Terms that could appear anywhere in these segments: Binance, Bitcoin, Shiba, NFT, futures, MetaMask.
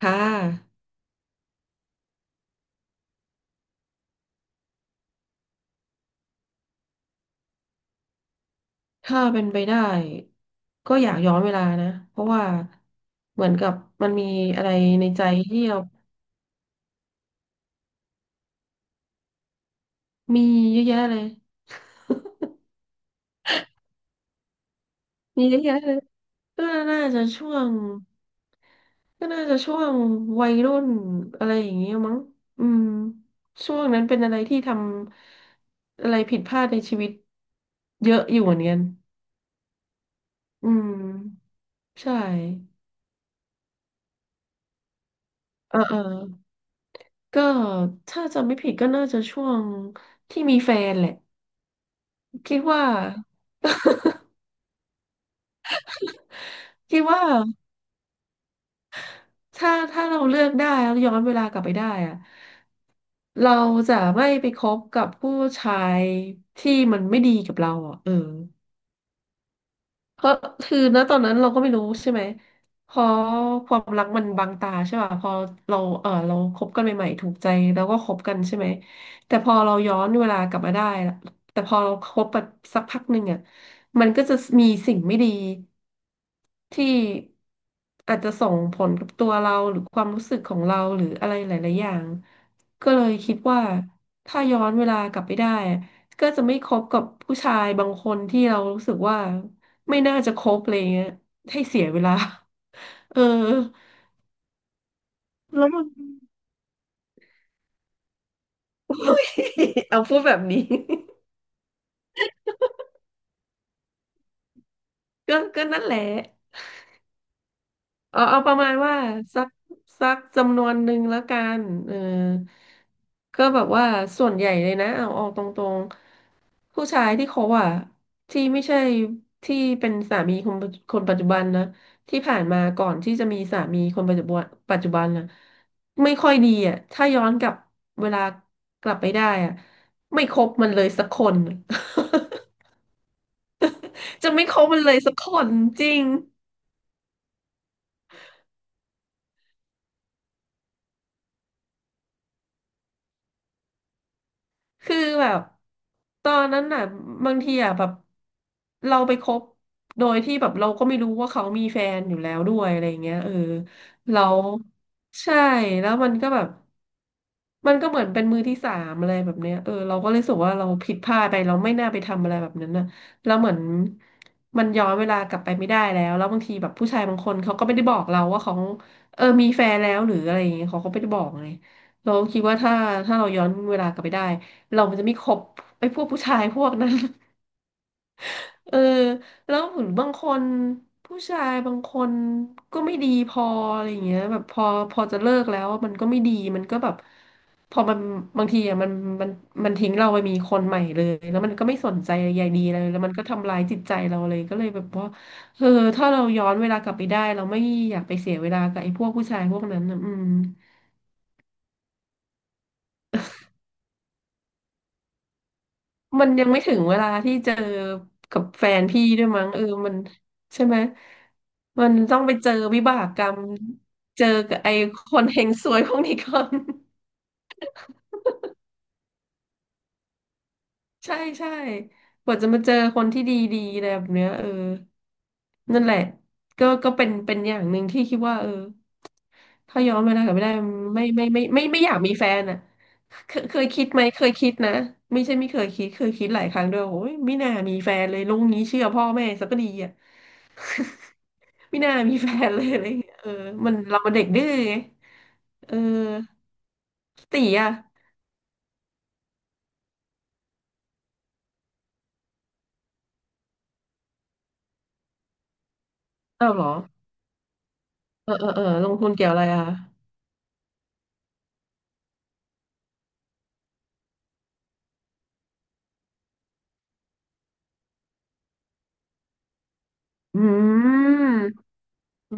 ค่ะถ้าเป็นไปได้ก็อยากย้อนเวลานะ เพราะว่าเหมือนกับมันมีอะไรในใจที่เรามีเยอะแยะเลยมีเยอะแยะเลยก็น่าจะช่วงก็น่าจะช่วงวัยรุ่นอะไรอย่างเงี้ยมั้งอืมช่วงนั้นเป็นอะไรที่ทำอะไรผิดพลาดในชีวิตเยอะอยู่เหมือนกันอืมใช่เออก็ถ้าจำไม่ผิดก็น่าจะช่วงที่มีแฟนแหละ คิดว่าคิดว่าถ้าเราเลือกได้แล้วย้อนเวลากลับไปได้อะเราจะไม่ไปคบกับผู้ชายที่มันไม่ดีกับเราอ่ะเออ ก็คือณตอนนั้นเราก็ไม่รู้ใช่ไหมพอความรักมันบังตาใช่ป่ะพอเราเออเราคบกันใหม่ๆถูกใจแล้วก็คบกันใช่ไหมแต่พอเราย้อนเวลากลับมาได้ละแต่พอเราคบไปสักพักหนึ่งอ่ะมันก็จะมีสิ่งไม่ดีที่อาจจะส่งผลกับตัวเราหรือความรู้สึกของเราหรืออะไรหลายๆอย่างก็เลยคิดว่าถ้าย้อนเวลากลับไปได้ก็จะไม่คบกับผู้ชายบางคนที่เรารู้สึกว่า ไม่น่าจะครบอะไรเงี้ยให้เสียเวลาเออแล้วมัน เอาพูดแบบนี้ก็นั่นแหละ เอาประมาณว่าสักสักจำนวนหนึ่งแล้วกันเออก็แบบว่าส่วนใหญ่เลยนะเอาออกตรงๆผู้ชายที่เขาอะที่ไม่ใช่ที่เป็นสามีคนปัจจุบันนะที่ผ่านมาก่อนที่จะมีสามีคนปัจจุบันปัจจุบันนะไม่ค่อยดีอะถ้าย้อนกลับเวลากลับไปได้อะไม่คบมันเลยสักคน จะไม่คบมันเลยสักคนจริง คือแบบตอนนั้นน่ะบางทีอ่ะแบบเราไปคบโดยที่แบบเราก็ไม่รู้ว่าเขามีแฟนอยู่แล้วด้วยอะไรอย่างเงี้ยเออเราใช่แล้วมันก็แบบ มันก็เหมือนเป็นมือที่สามอะไรแบบเนี้ยเออเราก็เลยรู้สึกว่าเราผิดพลาดไปเราไม่น่าไปทำอะไรแบบนั้นนะแล้วเหมือนมันย้อนเวลากลับไปไม่ได้แล้วแล้วบางทีแบบผู้ชายบางคนเขาก็ไม่ได้บอกเราว่าเขาเออมีแฟนแล้วหรืออะไรอย่างเงี้ยเขาก็ไม่ได้บอกไงเราคิดว่าถ้าเราย้อนเวลากลับไปได้เรามันจะไม่คบไอ้พวกผู้ชายพวกนั้น เออแล้วเหมือนบางคนผู้ชายบางคนก็ไม่ดีพออะไรอย่างเงี้ยแบบพอจะเลิกแล้วมันก็ไม่ดีมันก็แบบพอมันบางทีอ่ะมันมันทิ้งเราไปมีคนใหม่เลยแล้วมันก็ไม่สนใจใยดีเลยแล้วมันก็ทำรายจิตใจเราเลยก็เลยแบบว่าเออถ้าเราย้อนเวลากลับไปได้เราไม่อยากไปเสียเวลากับไอ้พวกผู้ชายพวกนั้นนะอืม มันยังไม่ถึงเวลาที่เจอกับแฟนพี่ด้วยมั้งเออมันใช่ไหมมันต้องไปเจอวิบากกรรมเจอกับไอ้คนเฮงซวยพวกนี้ก่อน ใช่ใช่กว่าจะมาเจอคนที่ดีๆอะไรแบบเนี้ยเออนั่นแหละก็เป็นอย่างหนึ่งที่คิดว่าเออถ้าย้อนเวลากลับไปได้ไม่อยากมีแฟนอ่ะเคยคิดไหมเคยคิดนะไม่ใช่ไม่เคยคิดเคยคิดหลายครั้งด้วยโอ้ยไม่น่ามีแฟนเลยลุงนี้เชื่อพ่อแม่ซะก็ดีอ่ะ ไม่น่ามีแฟนเลยอะไรเงี้ยเออมันเรามันเด็กดื้อไงเออตีอ่ะเอ้าเหรอเออลงทุนเกี่ยวอะไรอ่ะอืม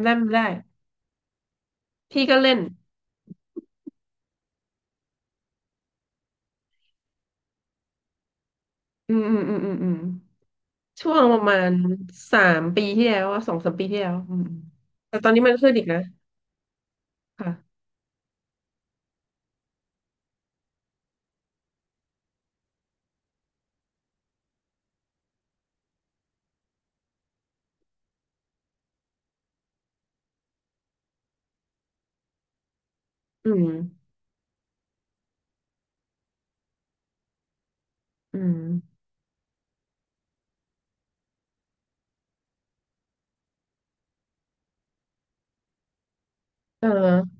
ได้ได้ พี่ก็เล่นอืมอืมอืมอืมอืม ช่วงประมาณ3 ปีที่แล้วอะ2-3 ปีที่แล้วอืมแต่ตอนนี้มันขึ้นอีกนะ ค่ะ อืมอืมเออ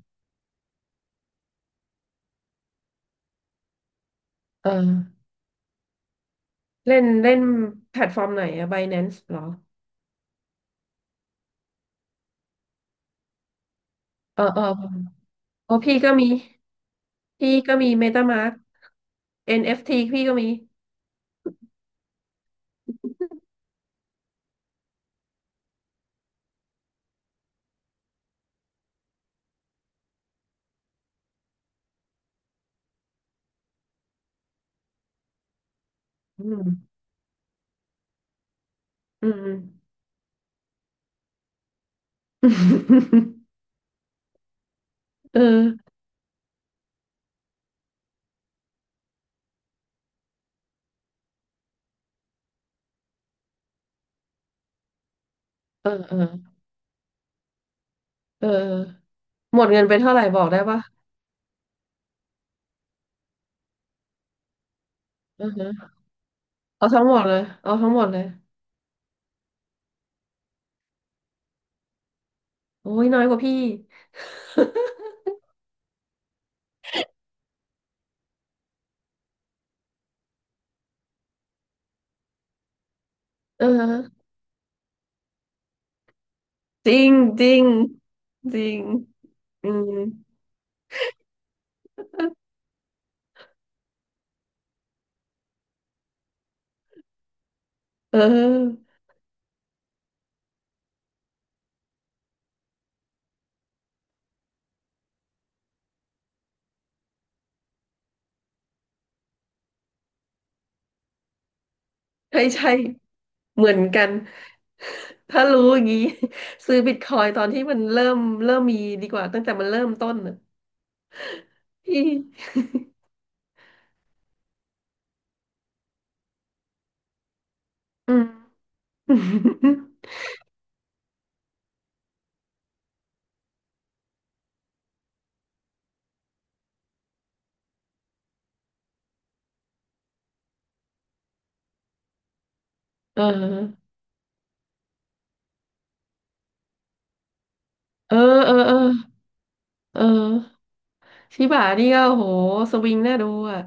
เออ เล่นเล่นแพลตฟอร์มไหนอะ Binance เหรอเออเออเออพี่ก็มีพี่ก็มี MetaMask NFT พี่ก็มี อืมอืมเออเออเออเออ หมดเงินไปเท่าไหร่บอกได้ปะอือฮะเอาทั้งหมดเลยเอาทั้งหมดเลย โอ้ยน้อยกว่าพี่เออจริงจริงจริง อืมเออใช่ใช่เหมือนกัน ถ้ารู้อย่างนี้ ซื้อบิตคอยน์ตอนที่มันเริ่มมีดีกว่าตั้งแต่มันเริ่มต้นน่ะพี่อืม เออเออ เออ เออ เออ ชิบะนี่ก็โหสวิงน่าดูอ่ะ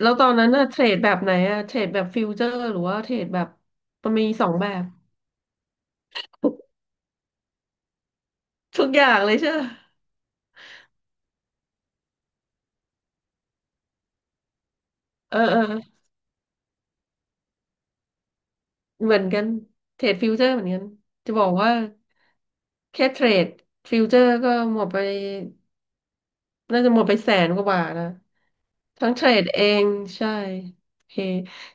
แล้วตอนนั้นน่ะเทรดแบบไหนอ่ะเทรดแบบฟิวเจอร์หรือว่าเทรดแบบมันมีสองแบบทุกอย่างเลยเชื่อเออเหมือนกันเทรดฟิวเจอร์เหมือนกันจะบอกว่าแค่เทรดฟิวเจอร์ก็หมดไป น่าจะหมดไป100,000 กว่าบาทนะทั้งเทรดเองใช่โอเค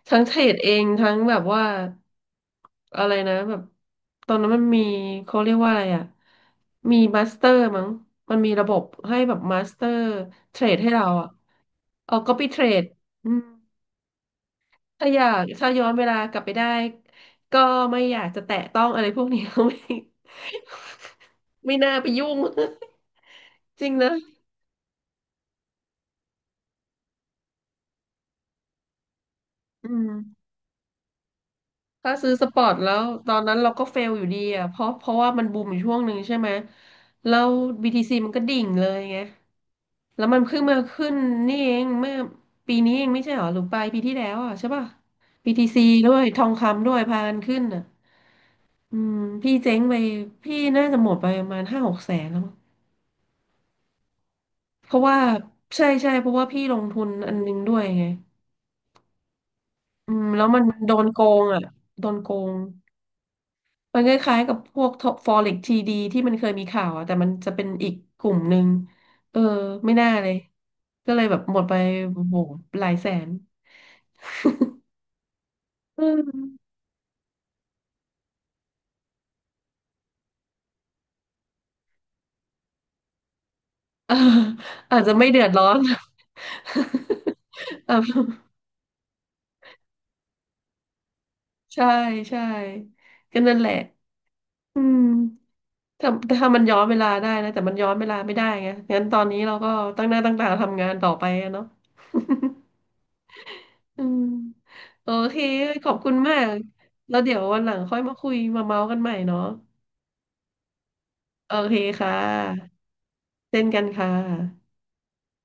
ทั้งเทรดเองทั้งแบบว่าอะไรนะแบบตอนนั้นมันมีเขาเรียกว่าอะไรอ่ะมีมาสเตอร์มั้งมันมีระบบให้แบบมาสเตอร์เทรดให้เราอ่ะเอาก็ไปเทรดอืมถ้าอยากถ้าย้อนเวลากลับไปได้ก็ไม่อยากจะแตะต้องอะไรพวกนี้ ไม่ไม่น่าไปยุ่ง จริงนะอืม ถ้าซื้อสปอร์ตแล้วตอนนั้นเราก็เฟลอยู่ดีอ่ะเพราะว่ามันบูมอยู่ช่วงหนึ่งใช่ไหมแล้ว BTC มันก็ดิ่งเลยไงแล้วมันเพิ่งมาขึ้นนี่เองเมื่อปีนี้เองไม่ใช่เหรอหรือปลายปีที่แล้วอ่ะใช่ป่ะ BTC ด้วยทองคำด้วยพากันขึ้นอ่ะอืมพี่เจ๊งไปพี่น่าจะหมดไปประมาณ500,000-600,000แล้วมั้งเพราะว่าใช่ใช่เพราะว่าพี่ลงทุนอันนึงด้วยไงอืมแล้วมันโดนโกงอ่ะโดนโกง มันคล้ายๆกับพวกฟอเร็กทีดีที่มันเคยมีข่าวอะแต่มันจะเป็นอีกกลุ่มหนึ่งเออไม่น่าเลยก็เลยแบบหมดไปโอ้โหหลายแสนอืมเออ อาจจะไม่เดือดร้อน อ่ะใช่ใช่ก็นั่นแหละอืมถ้ามันย้อนเวลาได้นะแต่มันย้อนเวลาไม่ได้ไงงั้นตอนนี้เราก็ตั้งหน้าตั้งตาทำงานต่อไปอะเนาะ อืมโอเคขอบคุณมากแล้วเดี๋ยววันหลังค่อยมาคุยมาเมาส์กันใหม่เนาะโอเคค่ะเช่นกันค่ะ